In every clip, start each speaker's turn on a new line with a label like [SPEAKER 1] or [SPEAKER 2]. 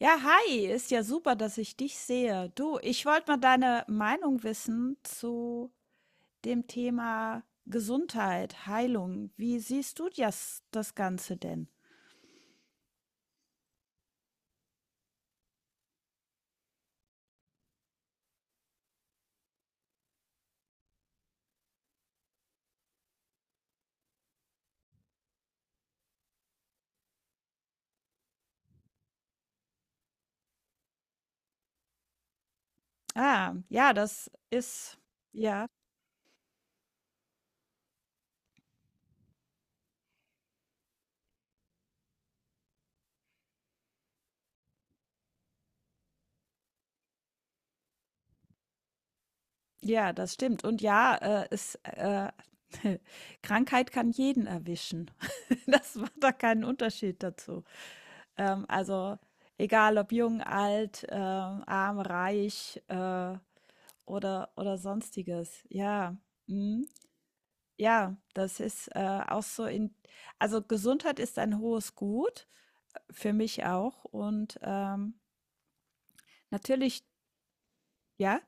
[SPEAKER 1] Ja, hi, ist ja super, dass ich dich sehe. Du, ich wollte mal deine Meinung wissen zu dem Thema Gesundheit, Heilung. Wie siehst du das, das Ganze denn? Ah, ja, das ist, ja, ja, das stimmt. Und Krankheit kann jeden erwischen. Das macht da keinen Unterschied dazu. Also, egal ob jung, alt, arm, reich, oder Sonstiges. Ja. Mhm. Ja, das ist, auch so in also, Gesundheit ist ein hohes Gut, für mich auch und natürlich ja?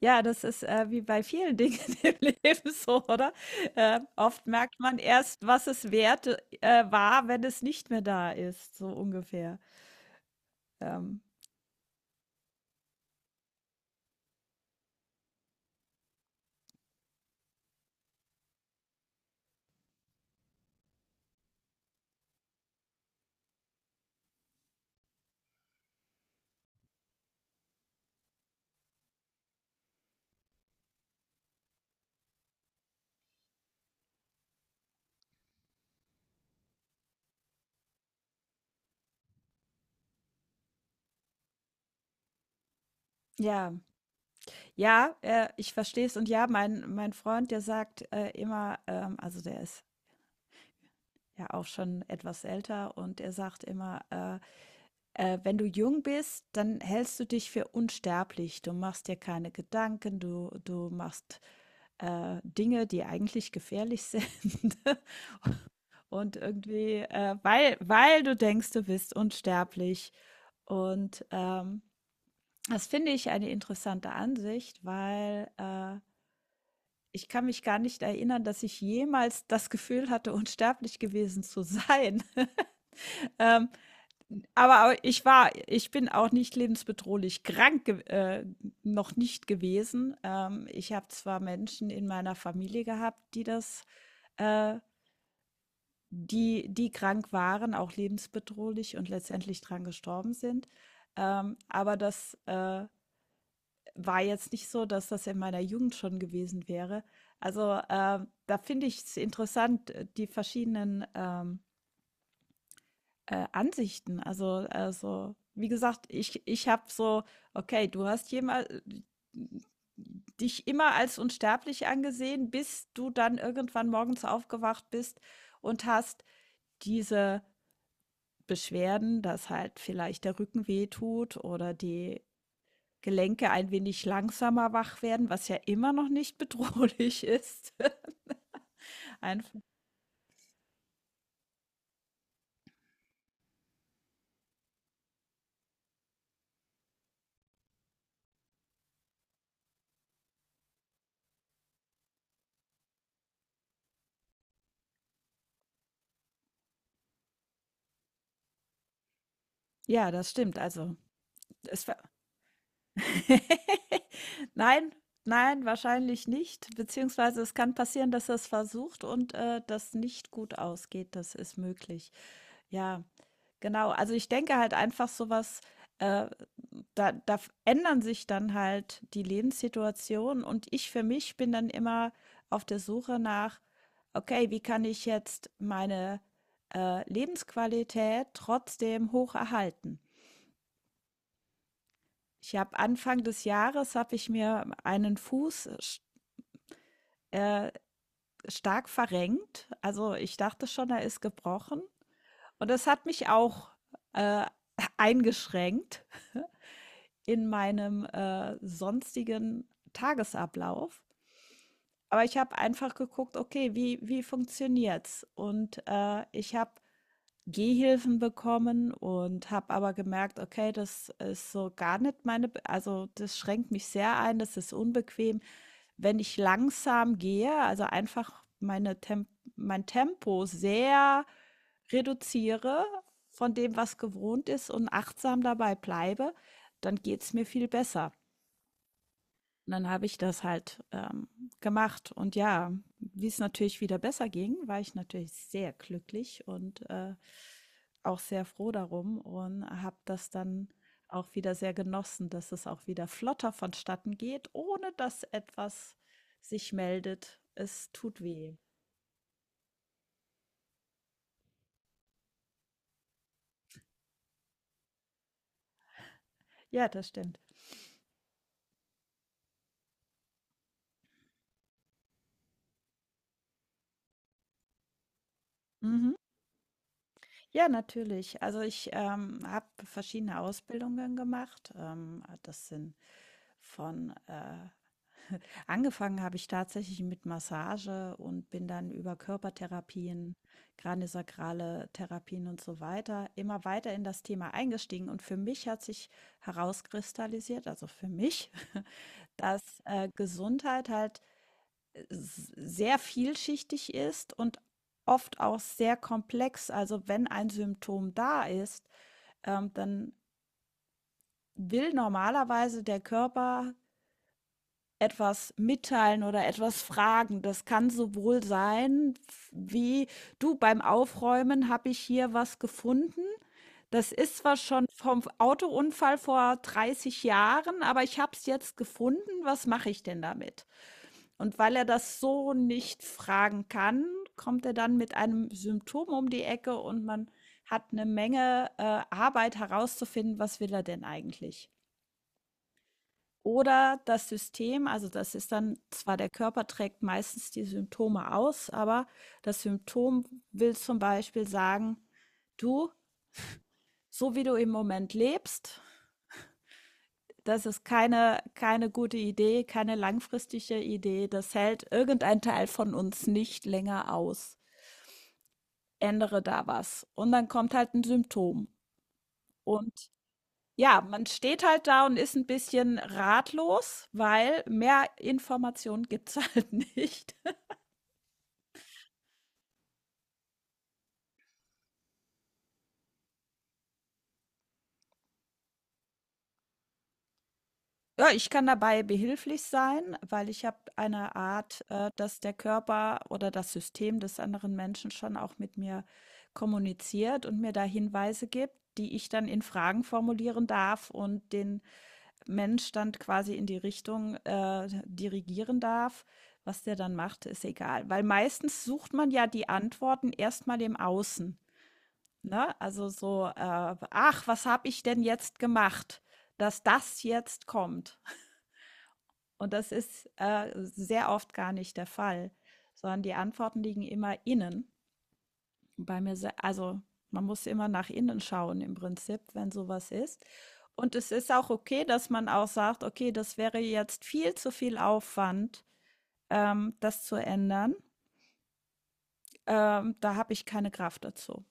[SPEAKER 1] Ja, das ist, wie bei vielen Dingen im Leben so, oder? Oft merkt man erst, was es wert war, wenn es nicht mehr da ist, so ungefähr. Ähm, ja. Ja, ich verstehe es. Und ja, mein Freund, der sagt, immer, also, der ist ja auch schon etwas älter und er sagt immer, wenn du jung bist, dann hältst du dich für unsterblich. Du machst dir keine Gedanken, du machst Dinge, die eigentlich gefährlich sind. Und irgendwie, weil du denkst, du bist unsterblich. Und das finde ich eine interessante Ansicht, weil ich kann mich gar nicht erinnern, dass ich jemals das Gefühl hatte, unsterblich gewesen zu sein. ähm, aber ich bin auch nicht lebensbedrohlich krank ge noch nicht gewesen. Ich habe zwar Menschen in meiner Familie gehabt, die das äh, die die krank waren, auch lebensbedrohlich, und letztendlich dran gestorben sind. Aber das war jetzt nicht so, dass das in meiner Jugend schon gewesen wäre. Also, da finde ich es interessant, die verschiedenen Ansichten. Also, wie gesagt, ich habe so okay, du hast jema dich immer als unsterblich angesehen, bis du dann irgendwann morgens aufgewacht bist und hast diese Beschwerden, dass halt vielleicht der Rücken wehtut oder die Gelenke ein wenig langsamer wach werden, was ja immer noch nicht bedrohlich ist. Einf Ja, das stimmt. Also, es Nein, nein, wahrscheinlich nicht. Beziehungsweise es kann passieren, dass er es versucht und das nicht gut ausgeht. Das ist möglich. Ja, genau. Also ich denke halt einfach sowas, äh, ändern sich dann halt die Lebenssituation und ich für mich bin dann immer auf der Suche nach, okay, wie kann ich jetzt meine Lebensqualität trotzdem hoch erhalten? Ich habe Anfang des Jahres habe ich mir einen Fuß sch äh, stark verrenkt. Also, ich dachte schon, er ist gebrochen und das hat mich auch, äh, eingeschränkt in meinem, sonstigen Tagesablauf. Aber ich habe einfach geguckt: „Okay, wie funktioniert's?“ Und, ich habe Gehhilfen bekommen und habe aber gemerkt: „Okay, das ist so gar nicht meine b also, das schränkt mich sehr ein, das ist unbequem.“ Wenn ich langsam gehe, also einfach meine Temp mein Tempo sehr reduziere von dem, was gewohnt ist, und achtsam dabei bleibe, dann geht es mir viel besser. Und dann habe ich das halt gemacht. Und ja, wie es natürlich wieder besser ging, war ich natürlich sehr glücklich und auch sehr froh darum und habe das dann auch wieder sehr genossen, dass es auch wieder flotter vonstatten geht, ohne dass etwas sich meldet. Es tut weh. Ja, das stimmt. Mhm. Ja, natürlich. Also ich habe verschiedene Ausbildungen gemacht. Das sind von angefangen habe ich tatsächlich mit Massage und bin dann über Körpertherapien, kraniosakrale Therapien und so weiter immer weiter in das Thema eingestiegen. Und für mich hat sich herauskristallisiert, also für mich, dass Gesundheit halt sehr vielschichtig ist und oft auch sehr komplex. Also, wenn ein Symptom da ist, dann will normalerweise der Körper etwas mitteilen oder etwas fragen. Das kann sowohl sein, f wie: „Du, beim Aufräumen habe ich hier was gefunden. Das ist zwar schon vom Autounfall vor 30 Jahren, aber ich habe es jetzt gefunden. Was mache ich denn damit?“ Und weil er das so nicht fragen kann, kommt er dann mit einem Symptom um die Ecke und man hat eine Menge, Arbeit herauszufinden, was will er denn eigentlich? Oder das System, also das ist dann zwar der Körper trägt meistens die Symptome aus, aber das Symptom will zum Beispiel sagen, du, so wie du im Moment lebst, das ist keine, keine gute Idee, keine langfristige Idee, das hält irgendein Teil von uns nicht länger aus. Ändere da was. Und dann kommt halt ein Symptom. Und ja, man steht halt da und ist ein bisschen ratlos, weil mehr Informationen gibt es halt nicht. Ja, ich kann dabei behilflich sein, weil ich habe eine Art, dass der Körper oder das System des anderen Menschen schon auch mit mir kommuniziert und mir da Hinweise gibt, die ich dann in Fragen formulieren darf und den Mensch dann quasi in die Richtung dirigieren darf. Was der dann macht, ist egal. Weil meistens sucht man ja die Antworten erstmal im Außen. Ne? Also so, ach, was habe ich denn jetzt gemacht, dass das jetzt kommt? Und das ist sehr oft gar nicht der Fall, sondern die Antworten liegen immer innen. Also man muss immer nach innen schauen im Prinzip, wenn sowas ist. Und es ist auch okay, dass man auch sagt, okay, das wäre jetzt viel zu viel Aufwand, das zu ändern. Da habe ich keine Kraft dazu.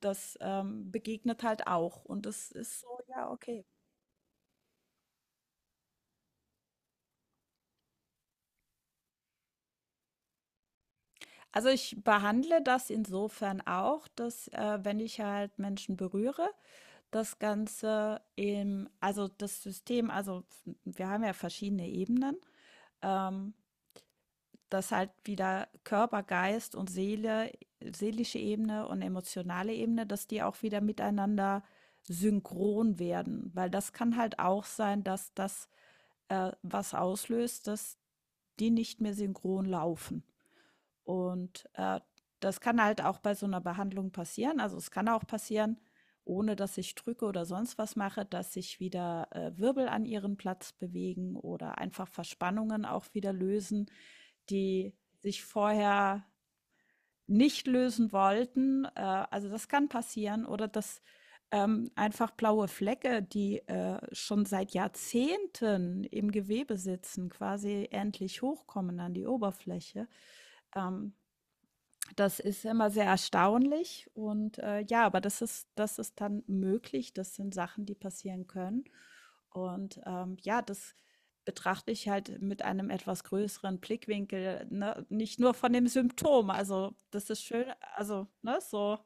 [SPEAKER 1] Das begegnet halt auch. Und das ist so, ja, okay. Also ich behandle das insofern auch, dass wenn ich halt Menschen berühre, das Ganze im, also das System, also wir haben ja verschiedene Ebenen, ähm, dass halt wieder Körper, Geist und Seele, seelische Ebene und emotionale Ebene, dass die auch wieder miteinander synchron werden, weil das kann halt auch sein, dass das was auslöst, dass die nicht mehr synchron laufen. Und, das kann halt auch bei so einer Behandlung passieren. Also, es kann auch passieren, ohne dass ich drücke oder sonst was mache, dass sich wieder, Wirbel an ihren Platz bewegen oder einfach Verspannungen auch wieder lösen, die sich vorher nicht lösen wollten. Also, das kann passieren oder dass, einfach blaue Flecke, die, schon seit Jahrzehnten im Gewebe sitzen, quasi endlich hochkommen an die Oberfläche. Ähm, das ist immer sehr erstaunlich und, ja, aber das ist dann möglich. Das sind Sachen, die passieren können, und, ja, das betrachte ich halt mit einem etwas größeren Blickwinkel, ne? Nicht nur von dem Symptom. Also, das ist schön, also, ne, so,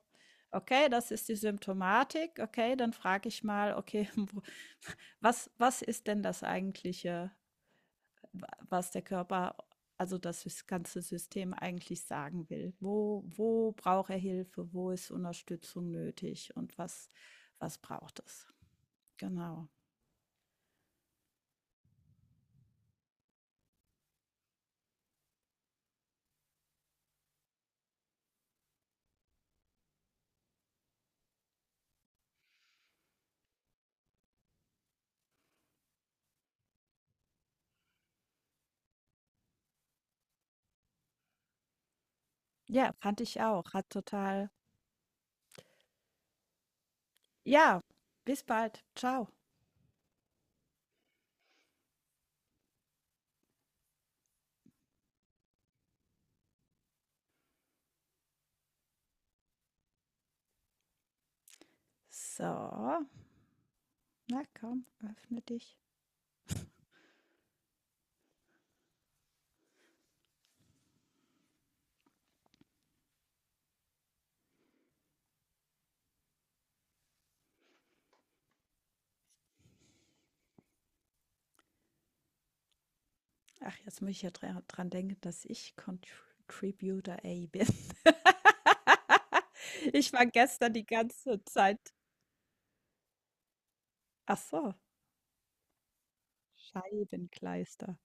[SPEAKER 1] okay, das ist die Symptomatik. Okay, dann frage ich mal, okay, wo was ist denn das eigentliche, was der Körper, also das ganze System eigentlich sagen will. Wo braucht er Hilfe? Wo ist Unterstützung nötig? Und was braucht es? Genau. Ja, fand ich auch. Hat total. Ja, bis bald. Ciao. So, na komm, öffne dich. Ach, jetzt muss ich ja dran denken, dass ich Contributor A bin. Ich war gestern die ganze Zeit. Ach so, Scheibenkleister.